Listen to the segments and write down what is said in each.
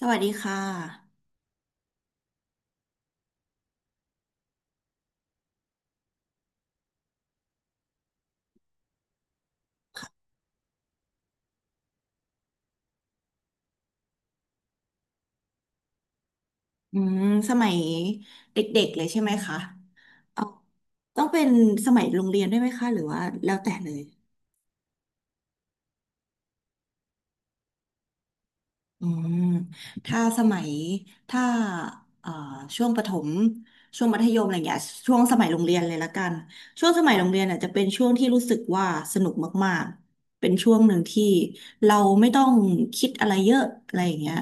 สวัสดีค่ะอืมสมัยเด็กๆ เลยใช่ไหมคะเอาต้องเป็นสมัยโรงเรียนด้วยไหมคะ หรือว่าแล้วแต่เลย อืมถ้าสมัยถ้าเอ่อช่วงประถมช่วงมัธยมอะไรอย่างเงี้ยช่วงสมัยโรงเรียนเลยละกันช่วงสมัยโรงเรียนอ่ะจะเป็นช่วงที่รู้สึกว่าสนุกมากๆเป็นช่วงหนึ่งที่เราไม่ต้องคิดอะไรเยอะอะไรอย่างเงี้ย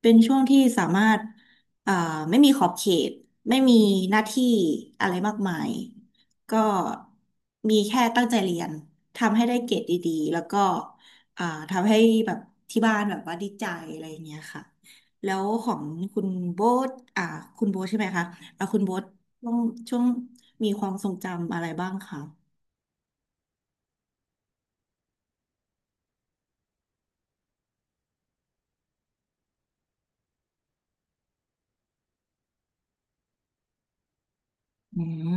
เป็นช่วงที่สามารถเอ่อไม่มีขอบเขตไม่มีหน้าที่อะไรมากมายก็มีแค่ตั้งใจเรียนทำให้ได้เกรดดีๆแล้วก็ อ่าทำให้แบบที่บ้านแบบว่าดีใจอะไรอย่างเงี้ยค่ะแล้วของคุณโบ๊ทอ่าคุณโบ๊ทใช่ไหมคะอ่าคุณโบ๊ทช่วงช่วงมีความทรงจำอะไรบ้างคะอืม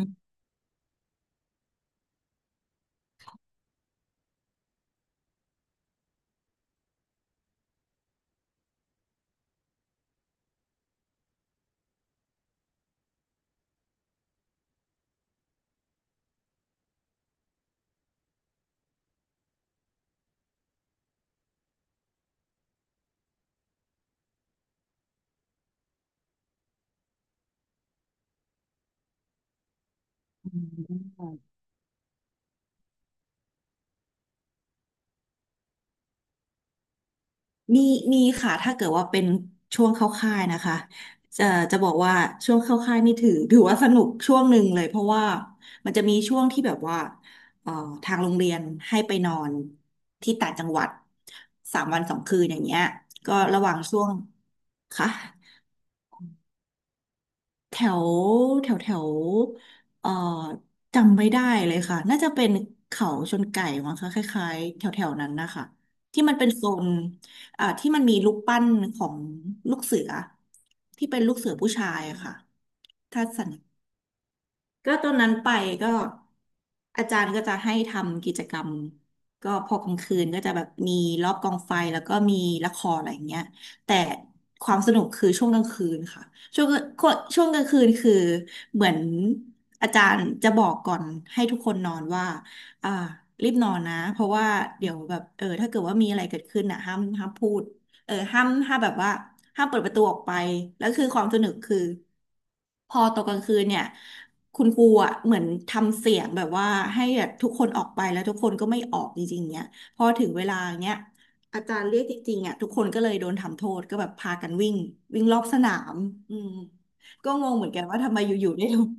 มีมีค่ะถ้าเกิดว่าเป็นช่วงเข้าค่ายนะคะจะจะบอกว่าช่วงเข้าค่ายนี่ถือ ถือว่าสนุกช่วงหนึ่งเลยเพราะว่ามันจะมีช่วงที่แบบว่าเอ่อทางโรงเรียนให้ไปนอนที่ต่างจังหวัดสามวันสองคืนอย่างเงี้ยก็ระหว่างช่วงค่ะ แถวแถวแถวเอ่อจำไม่ได้เลยค่ะน่าจะเป็นเขาชนไก่มั้งคะคล้ายๆแถวแถวนั้นนะคะที่มันเป็นโซนที่มันมีรูปปั้นของลูกเสือที่เป็นลูกเสือผู้ชายอะค่ะถ้าสัน ก็ตอนนั้นไปก็อาจารย์ก็จะให้ทำกิจกรรมก็พอกลางคืนก็จะแบบมีรอบกองไฟแล้วก็มีละครอะไรอย่างเงี้ยแต่ความสนุกคือช่วงกลางคืนค่ะช่วงก็ช่วงกลางคืนคือเหมือนอาจารย์จะบอกก่อนให้ทุกคนนอนว่าอ่ารีบนอนนะเพราะว่าเดี๋ยวแบบเออถ้าเกิดว่ามีอะไรเกิดขึ้นอ่ะห้ามพูดเออห้ามแบบว่าห้ามเปิดประตูออกไปแล้วคือความสนุกคือพอตกกลางคืนเนี่ย คุณครูอ่ะเหมือนทำเสียงแบบว่าให้แบบทุกคนออกไปแล้วทุกคนก็ไม่ออกจริงๆเนี่ยพอถึงเวลาเนี้ยอาจารย์เรียกจริงๆอ่ะทุกคนก็เลยโดนทำโทษก็แบบพากันวิ่งวิ่งรอบสนามอืมก็งงเหมือนกันว่าทำไมอยู่ๆได้ลง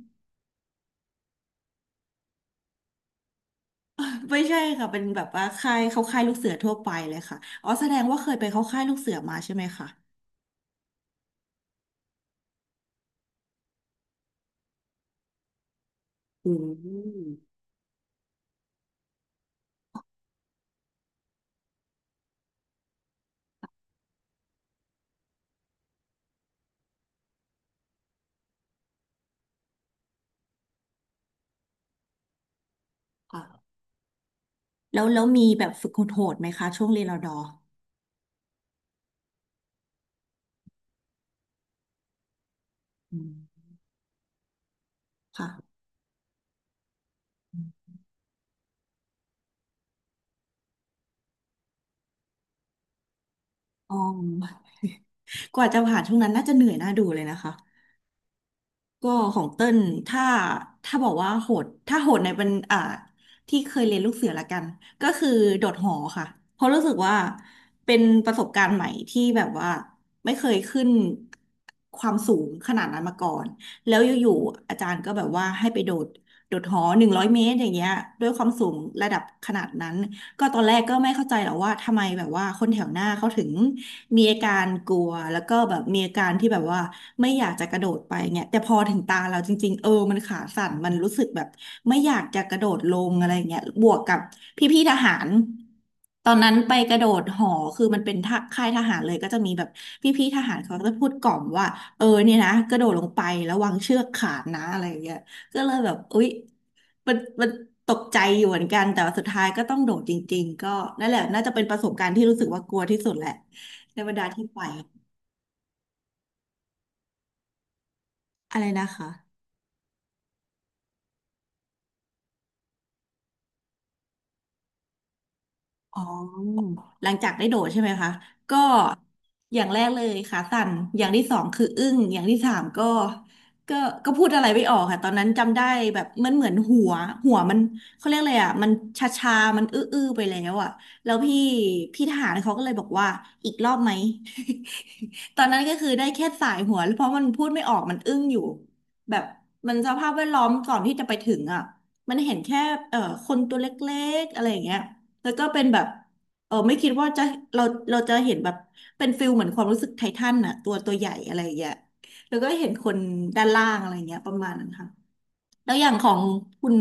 ไม่ใช่ค่ะเป็นแบบว่าค่ายเขาค่ายลูกเสือทั่วไปเลยค่ะอ๋อแสดงว่าเคยไปเข้าค่ายลูกเสือมาใช่ไหมคะอืมค่ะแล้วมีแบบฝึกโหดๆไหมคะช่วงเรียนรอดออืมค่ะอ๋อ กว่าจะผ่านช่วงนั้นน่าจะเหนื่อยน่าดูเลยนะคะก็ของเต้นถ้าถ้าบอกว่าโหดถ้าโหดในเป็นที่เคยเรียนลูกเสือละกันก็คือโดดหอค่ะเพราะรู้สึกว่าเป็นประสบการณ์ใหม่ที่แบบว่าไม่เคยขึ้นความสูงขนาดนั้นมาก่อนแล้วอยู่ๆอาจารย์ก็แบบว่าให้ไปโดดโดดหอ100 เมตรอย่างเงี้ยด้วยความสูงระดับขนาดนั้น ก็ตอนแรกก็ไม่เข้าใจหรอกว่าทำไมแบบว่าคนแถวหน้าเขาถึงมีอาการกลัวแล้วก็แบบมีอาการที่แบบว่าไม่อยากจะกระโดดไปเนี่ยแต่พอถึงตาเราจริงๆเออมันขาสั่นมันรู้สึกแบบไม่อยากจะกระโดดลงอะไรเงี้ยบวกกับพี่ๆทหารตอนนั้นไปกระโดดหอคือมันเป็นท่าค่ายทหารเลยก็จะมีแบบพี่ๆทหารเขาก็จะพูดกล่อมว่าเออเนี่ยนะกระโดดลงไประวังเชือกขาดนะอะไรอย่างเงี้ยก็เลยแบบอุ๊ย มันตกใจอยู่เหมือนกันแต่ว่าสุดท้ายก็ต้องโดดจริงๆก็นั่นแหละน่าจะเป็นประสบการณ์ที่รู้สึกว่ากลัวที่สุดแหละในบรรดาที่ไปอะไรนะคะ อ๋อหลังจากได้โดดใช่ไหมคะ ก็อย่างแรกเลยขาสั่นอย่างที่สองคืออึ้งอย่างที่สามก็ก็ก็พูดอะไรไม่ออกค่ะตอนนั้นจำได้แบบมันเหมือนหัวมันเขาเรียกอะไรอ่ะมันชาชามันอื้ออื้อไปแล้วอ่ะแล้วพี่ทหารเขาก็เลยบอกว่าอีกรอบไหม ตอนนั้นก็คือได้แค่สายหัวเพราะมันพูดไม่ออกมันอึ้งอยู่แบบมันสภาพแวดล้อมก่อนที่จะไปถึงอ่ะมันเห็นแค่เอ่อคนตัวเล็กๆอะไรอย่างเงี้ย แล้วก็เป็นแบบไม่คิดว่าจะเราเราจะเห็นแบบเป็นฟิลเหมือนความรู้สึกไททันน่ะตัวใหญ่อะไรอย่างเงี้ยแล้วก็เห็นคนด้านล่างอะไรเงี้ยประมาณนั้นค่ะแล้วอย่างของคุณ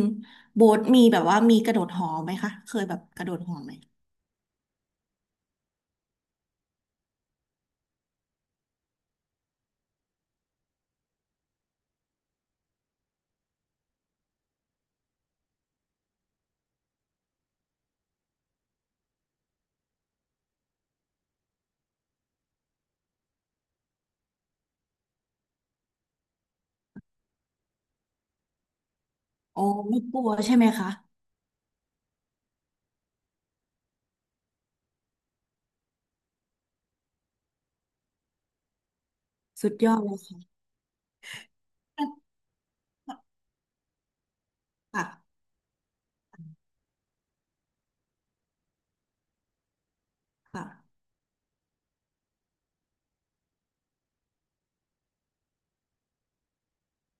โบ๊ทมีแบบว่ามีกระโดดหอไหมคะเคยแบบกระโดดหอไหมโอ้ไม่กลัวใช่ไหมคะสุดยอดเลยค่ะค่ะค่ะ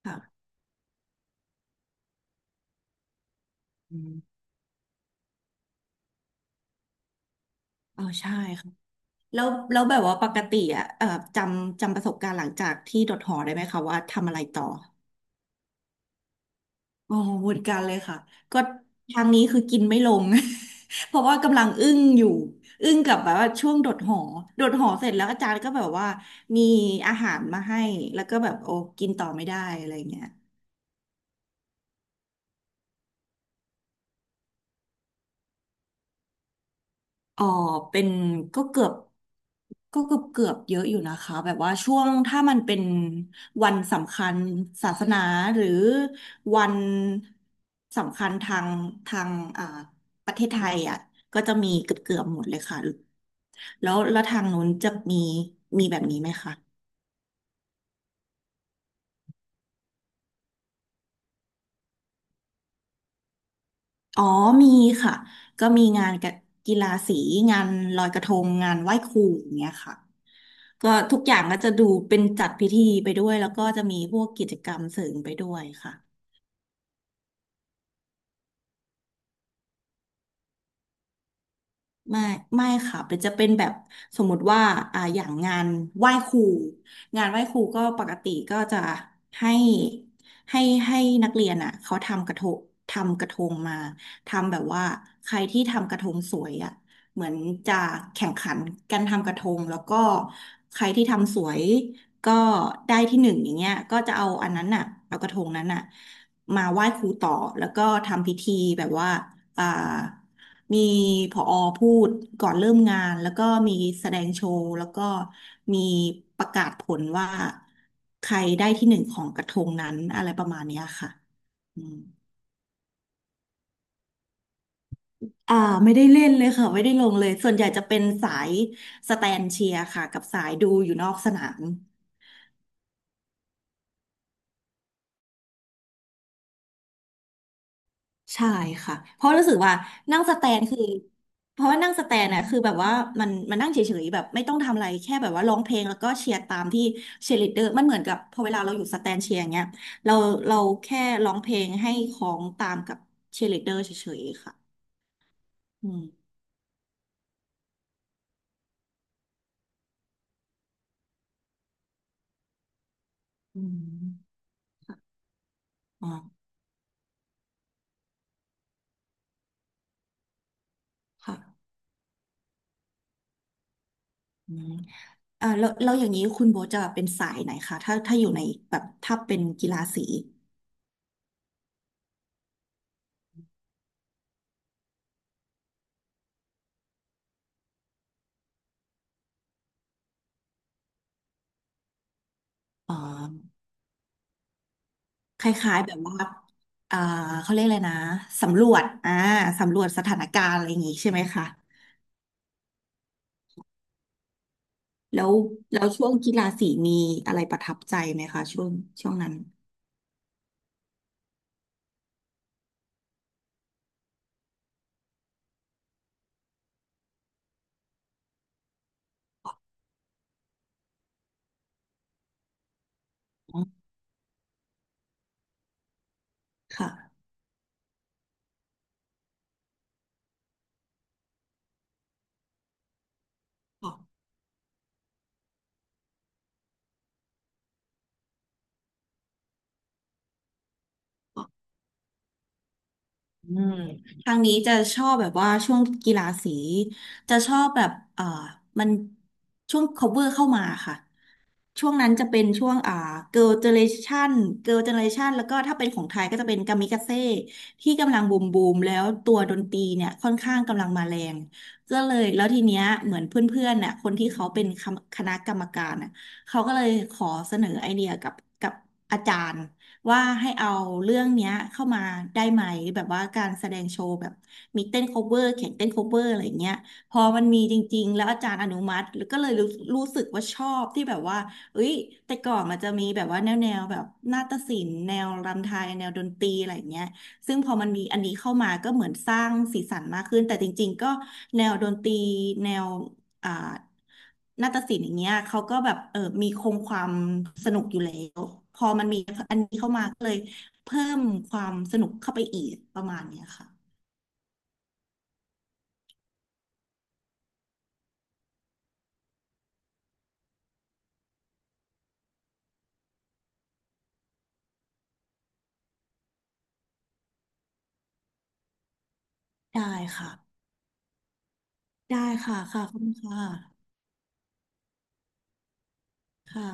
ค่ะอืมอ๋อใช่ค่ะแล้วแบบว่าปกติอ่ะจำประสบการณ์หลังจากที่โดดหอได้ไหมคะว่าทำอะไรต่อ อ๋อเหมือนกันเลยค่ะ ก็ทางนี้คือกินไม่ลง เพราะว่ากำลังอึ้งอยู่ อึ้งกับแบบว่าช่วงโดดหอโดดหอเสร็จแล้วอาจารย์ก็แบบว่ามีอาหารมาให้ แล้วก็แบบโอ้กินต่อไม่ได้อะไรเงี้ย อ๋อเป็นก็เกือบก็เกือบเยอะอยู่นะคะแบบว่าช่วงถ้ามันเป็นวันสำคัญศาสนาหรือวันสำคัญทางอ่าประเทศไทยอ่ะก็จะมีเกือบหมดเลยค่ะแล้วทางนู้นจะมีมีแบบนี้ไหมคะอ๋อมีค่ะก็มีงานกับกีฬาสีงานลอยกระทงงานไหว้ครูอย่างเงี้ยค่ะ ก็ทุกอย่างก็จะดูเป็นจัดพิธีไปด้วยแล้วก็จะมีพวกกิจกรรมเสริมไปด้วยค่ะ ไม่ไม่ค่ะเป็นจะเป็นแบบสมมุติว่าอย่างงานไหว้ครูงานไหว้ครูก็ปกติก็จะให้ให้ให้นักเรียนอ่ะเขาทำกระทงทำกระทงมาทำแบบว่าใครที่ทำกระทงสวยอ่ะเหมือนจะแข่งขันกันทำกระทงแล้วก็ใครที่ทำสวยก็ได้ที่หนึ่งอย่างเงี้ยก็จะเอาอันนั้นอ่ะเอากระทงนั้นอ่ะมาไหว้ครูต่อแล้วก็ทำพิธีแบบว่าอ่า มีผอพูดก่อนเริ่มงานแล้วก็มีแสดงโชว์แล้วก็มีประกาศผลว่าใครได้ที่หนึ่งของกระทงนั้นอะไรประมาณเนี้ยค่ะอืมอ่าไม่ได้เล่นเลยค่ะไม่ได้ลงเลยส่วนใหญ่จะเป็นสายสแตนเชียร์ค่ะกับสายดูอยู่นอกสนาม ใช่ค่ะเพราะรู้สึกว่านั่งสแตนคือเพราะว่านั่งสแตนน่ะคือแบบว่ามันนั่งเฉยๆแบบไม่ต้องทำอะไรแค่แบบว่าร้องเพลงแล้วก็เชียร์ตามที่เชียร์ลีดเดอร์มันเหมือนกับพอเวลาเราอยู่สแตนเชียร์อย่างเงี้ยเราเราแค่ร้องเพลงให้ของตามกับเชียร์ลีดเดอร์เฉยๆค่ะอืมอืมอ๋อค่ะอืมแล้วอย่างนี้คุณโบทจะเป็นสายไหนคะถ้าอยู่ในแบบถ้าเป็นกีฬาสีอ๋อ คล้ายๆแบบว่าอ่าเขาเรียกอะไรนะสำรวจสำรวจสถานการณ์อะไรอย่างงี้ใช่ไหมคะแล้วแล้วช่วงกีฬาสีมีอะไรประทับใจไหมคะช่วงนั้นอ๋อค่ะอ๋ออ๋ออืมทางนี้จะชอบแบบว่าช่วงกีฬาสี จะชอบแบบมันช่วง cover เข้ามาค่ะ ช่วงนั้นจะเป็นช่วงเกิร์ลเจเนเรชันเกิร์ลเจเนเรชันแล้วก็ถ้าเป็นของไทยก็จะเป็นกามิกาเซ่ที่กำลังบูมบูมแล้วตัวดนตรีเนี่ยค่อนข้างกำลังมาแรงก็เลยแล้วทีเนี้ยเหมือนเพื่อนๆน่ะคนที่เขาเป็นคำคณะกรรมการน่ะเขาก็เลยขอเสนอไอเดียกับอาจารย์ว่าให้เอาเรื่องเนี้ยเข้ามาได้ไหมแบบว่าการแสดงโชว์แบบมีเต้นโคเวอร์แข่งเต้นโคเวอร์อะไรอย่างเงี้ยพอมันมีจริงๆแล้วอาจารย์อนุมัติแล้วก็เลยรู้สึกว่าชอบที่แบบว่า เอ้ยแต่ก่อนมันจะมีแบบว่าแนวแบบนาฏศิลป์แนวรำไทยแนวดนตรีอะไรอย่างเงี้ยซึ่งพอมันมีอันนี้เข้ามาก็เหมือนสร้างสีสันมากขึ้นแต่จริงๆก็แนวดนตรีแนวอ่านาฏศิลป์อย่างเงี้ยเขาก็แบบเออมีคงความสนุกอยู่แล้วพอมันมีอันนี้เข้ามาก็เลยเพิ่มความสนุกเข้าไปอีกประมาณเนี้ยค่ะได้ค่ะได้ค่ะค่ะขอบคุณค่ะค่ะ